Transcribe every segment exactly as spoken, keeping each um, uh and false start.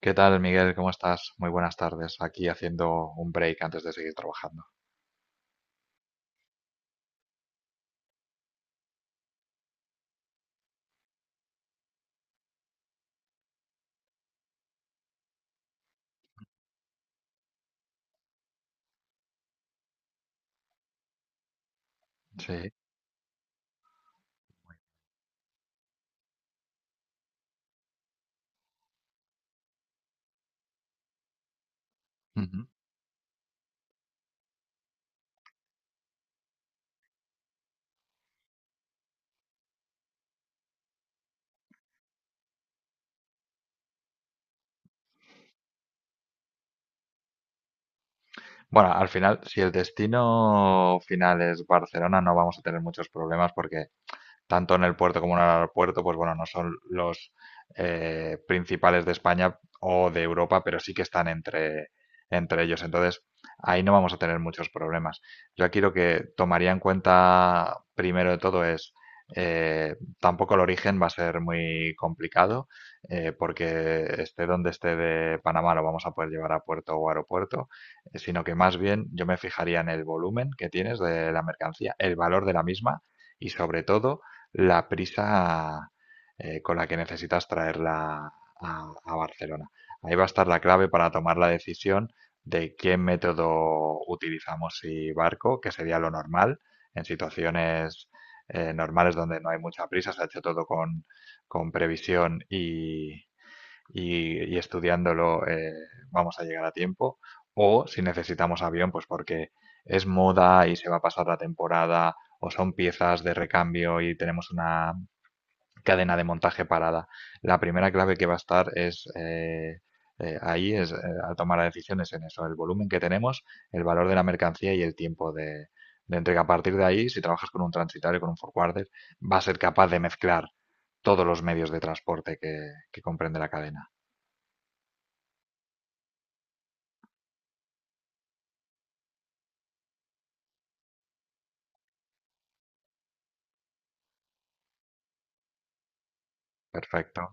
¿Qué tal, Miguel? ¿Cómo estás? Muy buenas tardes. Aquí haciendo un break antes de seguir trabajando. Sí. Ujú. Bueno, al final, si el destino final es Barcelona, no vamos a tener muchos problemas porque tanto en el puerto como en el aeropuerto, pues bueno, no son los eh, principales de España o de Europa, pero sí que están entre, entre ellos. Entonces, ahí no vamos a tener muchos problemas. Yo aquí lo que tomaría en cuenta primero de todo es, eh, tampoco el origen va a ser muy complicado, eh, porque esté donde esté de Panamá lo vamos a poder llevar a puerto o aeropuerto, eh, sino que más bien yo me fijaría en el volumen que tienes de la mercancía, el valor de la misma y sobre todo la prisa eh, con la que necesitas traerla a, a Barcelona. Ahí va a estar la clave para tomar la decisión de qué método utilizamos y barco, que sería lo normal en situaciones eh, normales donde no hay mucha prisa, se ha hecho todo con, con previsión y, y, y estudiándolo eh, vamos a llegar a tiempo. O si necesitamos avión, pues porque es moda y se va a pasar la temporada o son piezas de recambio y tenemos una cadena de montaje parada. La primera clave que va a estar es eh, eh, ahí es eh, Al tomar las decisiones en eso, el volumen que tenemos, el valor de la mercancía y el tiempo de, de entrega. A partir de ahí, si trabajas con un transitario, con un forwarder, va a ser capaz de mezclar todos los medios de transporte que, que comprende la cadena. Perfecto.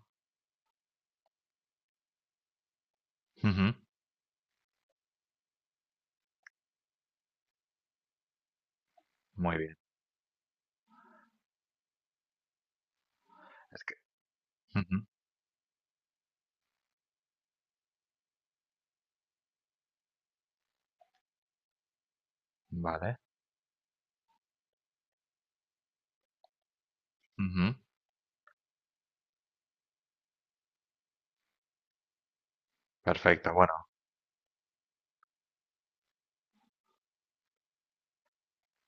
Ujú. Muy bien. Es que Ujú. Vale. Ujú. Perfecto, bueno.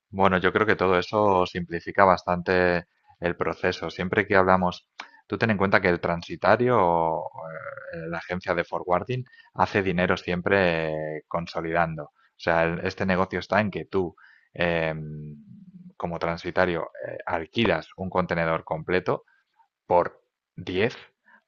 Bueno, yo creo que todo eso simplifica bastante el proceso. Siempre que hablamos tú ten en cuenta que el transitario o, eh, la agencia de forwarding hace dinero siempre eh, consolidando. O sea, el- este negocio está en que tú, em, como transitario, eh, alquilas un contenedor completo por diez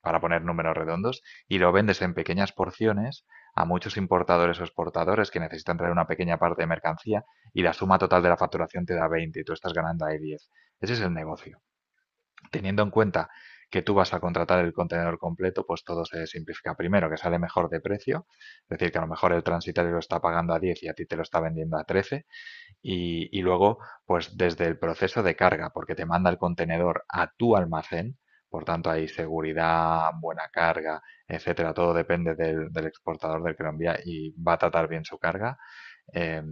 para poner números redondos, y lo vendes en pequeñas porciones a muchos importadores o exportadores que necesitan traer una pequeña parte de mercancía y la suma total de la facturación te da veinte y tú estás ganando ahí diez. Ese es el negocio. Teniendo en cuenta que tú vas a contratar el contenedor completo, pues todo se simplifica. Primero, que sale mejor de precio, es decir, que a lo mejor el transitario lo está pagando a diez y a ti te lo está vendiendo a trece y, y luego, pues desde el proceso de carga, porque te manda el contenedor a tu almacén, por tanto hay seguridad, buena carga, etcétera, todo depende del, del exportador del que lo envía y va a tratar bien su carga. Eh,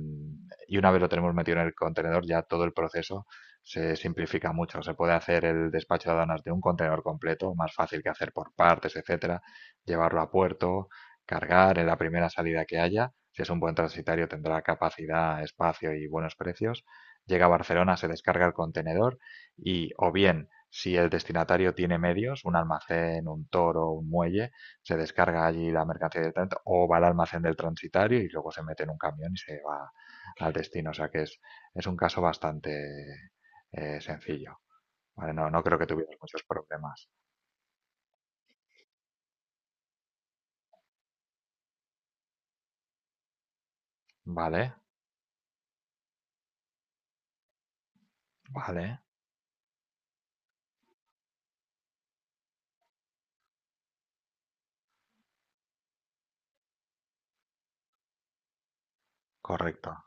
y una vez lo tenemos metido en el contenedor, ya todo el proceso se simplifica mucho. Se puede hacer el despacho de aduanas de un contenedor completo, más fácil que hacer por partes, etcétera, llevarlo a puerto, cargar en la primera salida que haya. Si es un buen transitario, tendrá capacidad, espacio y buenos precios. Llega a Barcelona, se descarga el contenedor y o bien si el destinatario tiene medios, un almacén, un toro, un muelle, se descarga allí la mercancía directamente o va al almacén del transitario y luego se mete en un camión y se va al destino. O sea que es, es un caso bastante eh, sencillo. ¿Vale? No, no creo que tuvieras muchos problemas. Vale, vale, correcto.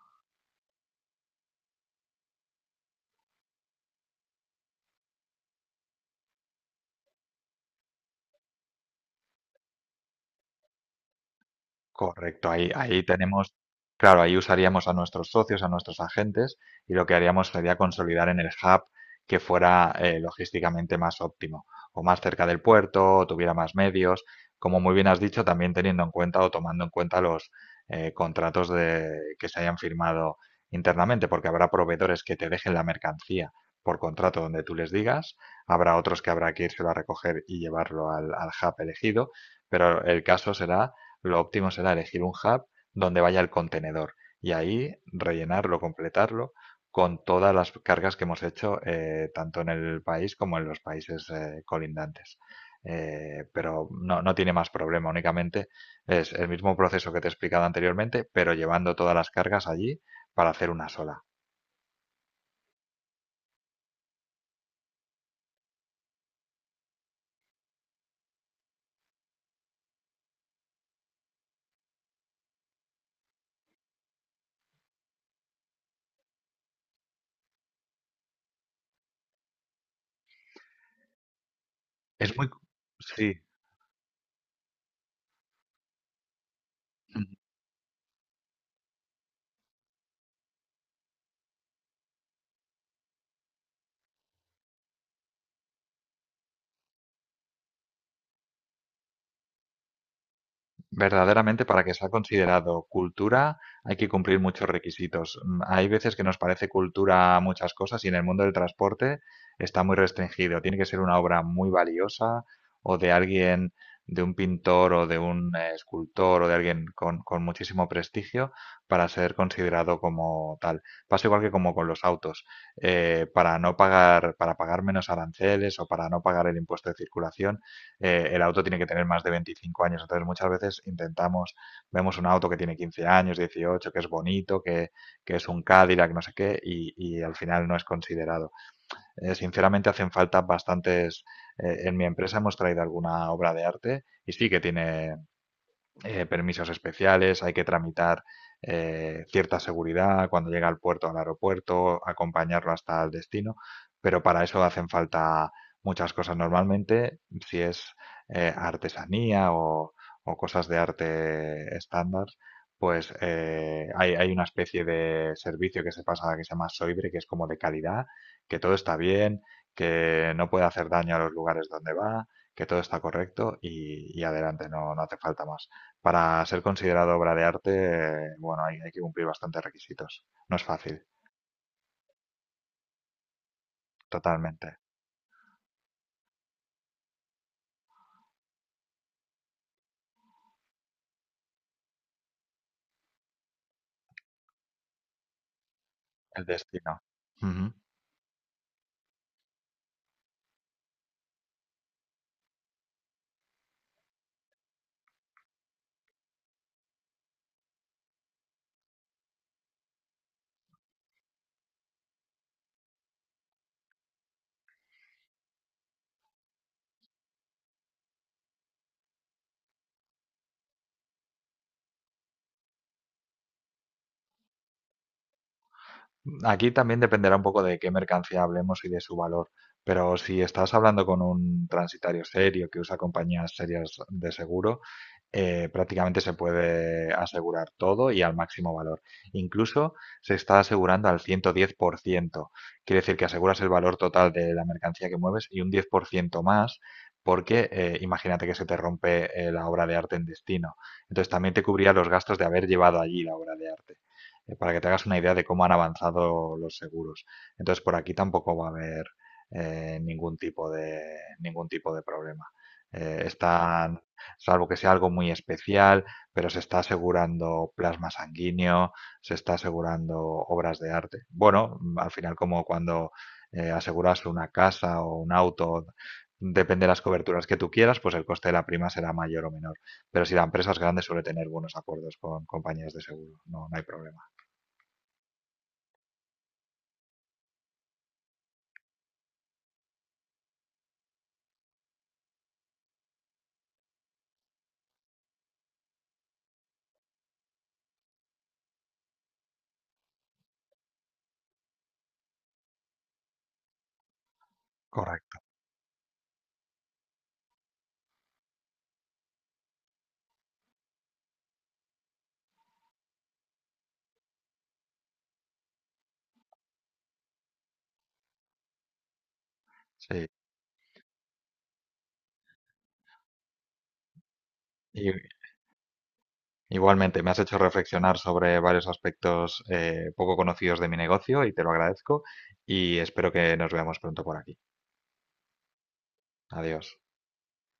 Correcto, ahí, ahí tenemos, claro, ahí usaríamos a nuestros socios, a nuestros agentes, y lo que haríamos sería consolidar en el hub que fuera eh, logísticamente más óptimo, o más cerca del puerto, o tuviera más medios, como muy bien has dicho, también teniendo en cuenta o tomando en cuenta los eh, contratos de, que se hayan firmado internamente, porque habrá proveedores que te dejen la mercancía por contrato donde tú les digas, habrá otros que habrá que írselo a recoger y llevarlo al al hub elegido, pero el caso será lo óptimo será elegir un hub donde vaya el contenedor y ahí rellenarlo, completarlo con todas las cargas que hemos hecho eh, tanto en el país como en los países eh, colindantes. Eh, pero no, no tiene más problema, únicamente es el mismo proceso que te he explicado anteriormente, pero llevando todas las cargas allí para hacer una sola. Es muy... Sí. Verdaderamente, para que sea considerado cultura hay que cumplir muchos requisitos. Mm, Hay veces que nos parece cultura muchas cosas y en el mundo del transporte está muy restringido. Tiene que ser una obra muy valiosa o de alguien, de un pintor o de un eh, escultor o de alguien con, con muchísimo prestigio para ser considerado como tal. Pasa igual que como con los autos. Eh, para no pagar, para pagar menos aranceles o para no pagar el impuesto de circulación eh, el auto tiene que tener más de veinticinco años. Entonces, muchas veces intentamos, vemos un auto que tiene quince años, dieciocho, que es bonito, que, que es un Cadillac, no sé qué, y, y al final no es considerado. Eh, sinceramente, hacen falta bastantes. Eh, en mi empresa hemos traído alguna obra de arte y sí que tiene eh, permisos especiales, hay que tramitar eh, cierta seguridad cuando llega al puerto, al aeropuerto, acompañarlo hasta el destino, pero para eso hacen falta muchas cosas. Normalmente, si es eh, artesanía o, o cosas de arte estándar, pues eh, hay, hay una especie de servicio que se pasa que se llama Soibre, que es como de calidad, que todo está bien, que no puede hacer daño a los lugares donde va, que todo está correcto y, y adelante, no, no hace falta más. Para ser considerado obra de arte, eh, bueno, hay, hay que cumplir bastantes requisitos. No es fácil, totalmente. El destino. Ujú. Aquí también dependerá un poco de qué mercancía hablemos y de su valor, pero si estás hablando con un transitario serio que usa compañías serias de seguro, eh, prácticamente se puede asegurar todo y al máximo valor. Incluso se está asegurando al ciento diez por ciento. Quiere decir que aseguras el valor total de la mercancía que mueves y un diez por ciento más porque eh, imagínate que se te rompe eh, la obra de arte en destino. Entonces también te cubría los gastos de haber llevado allí la obra de arte eh, para que te hagas una idea de cómo han avanzado los seguros. Entonces, por aquí tampoco va a haber eh, ningún tipo de, ningún tipo de problema. Eh, están, salvo que sea algo muy especial, pero se está asegurando plasma sanguíneo, se está asegurando obras de arte. Bueno, al final como cuando eh, aseguras una casa o un auto, depende de las coberturas que tú quieras, pues el coste de la prima será mayor o menor. Pero si la empresa es grande suele tener buenos acuerdos con compañías de seguro, no, no hay problema. Correcto, sí. Y- igualmente, me has hecho reflexionar sobre varios aspectos eh, poco conocidos de mi negocio y te lo agradezco y espero que nos veamos pronto por aquí. Adiós.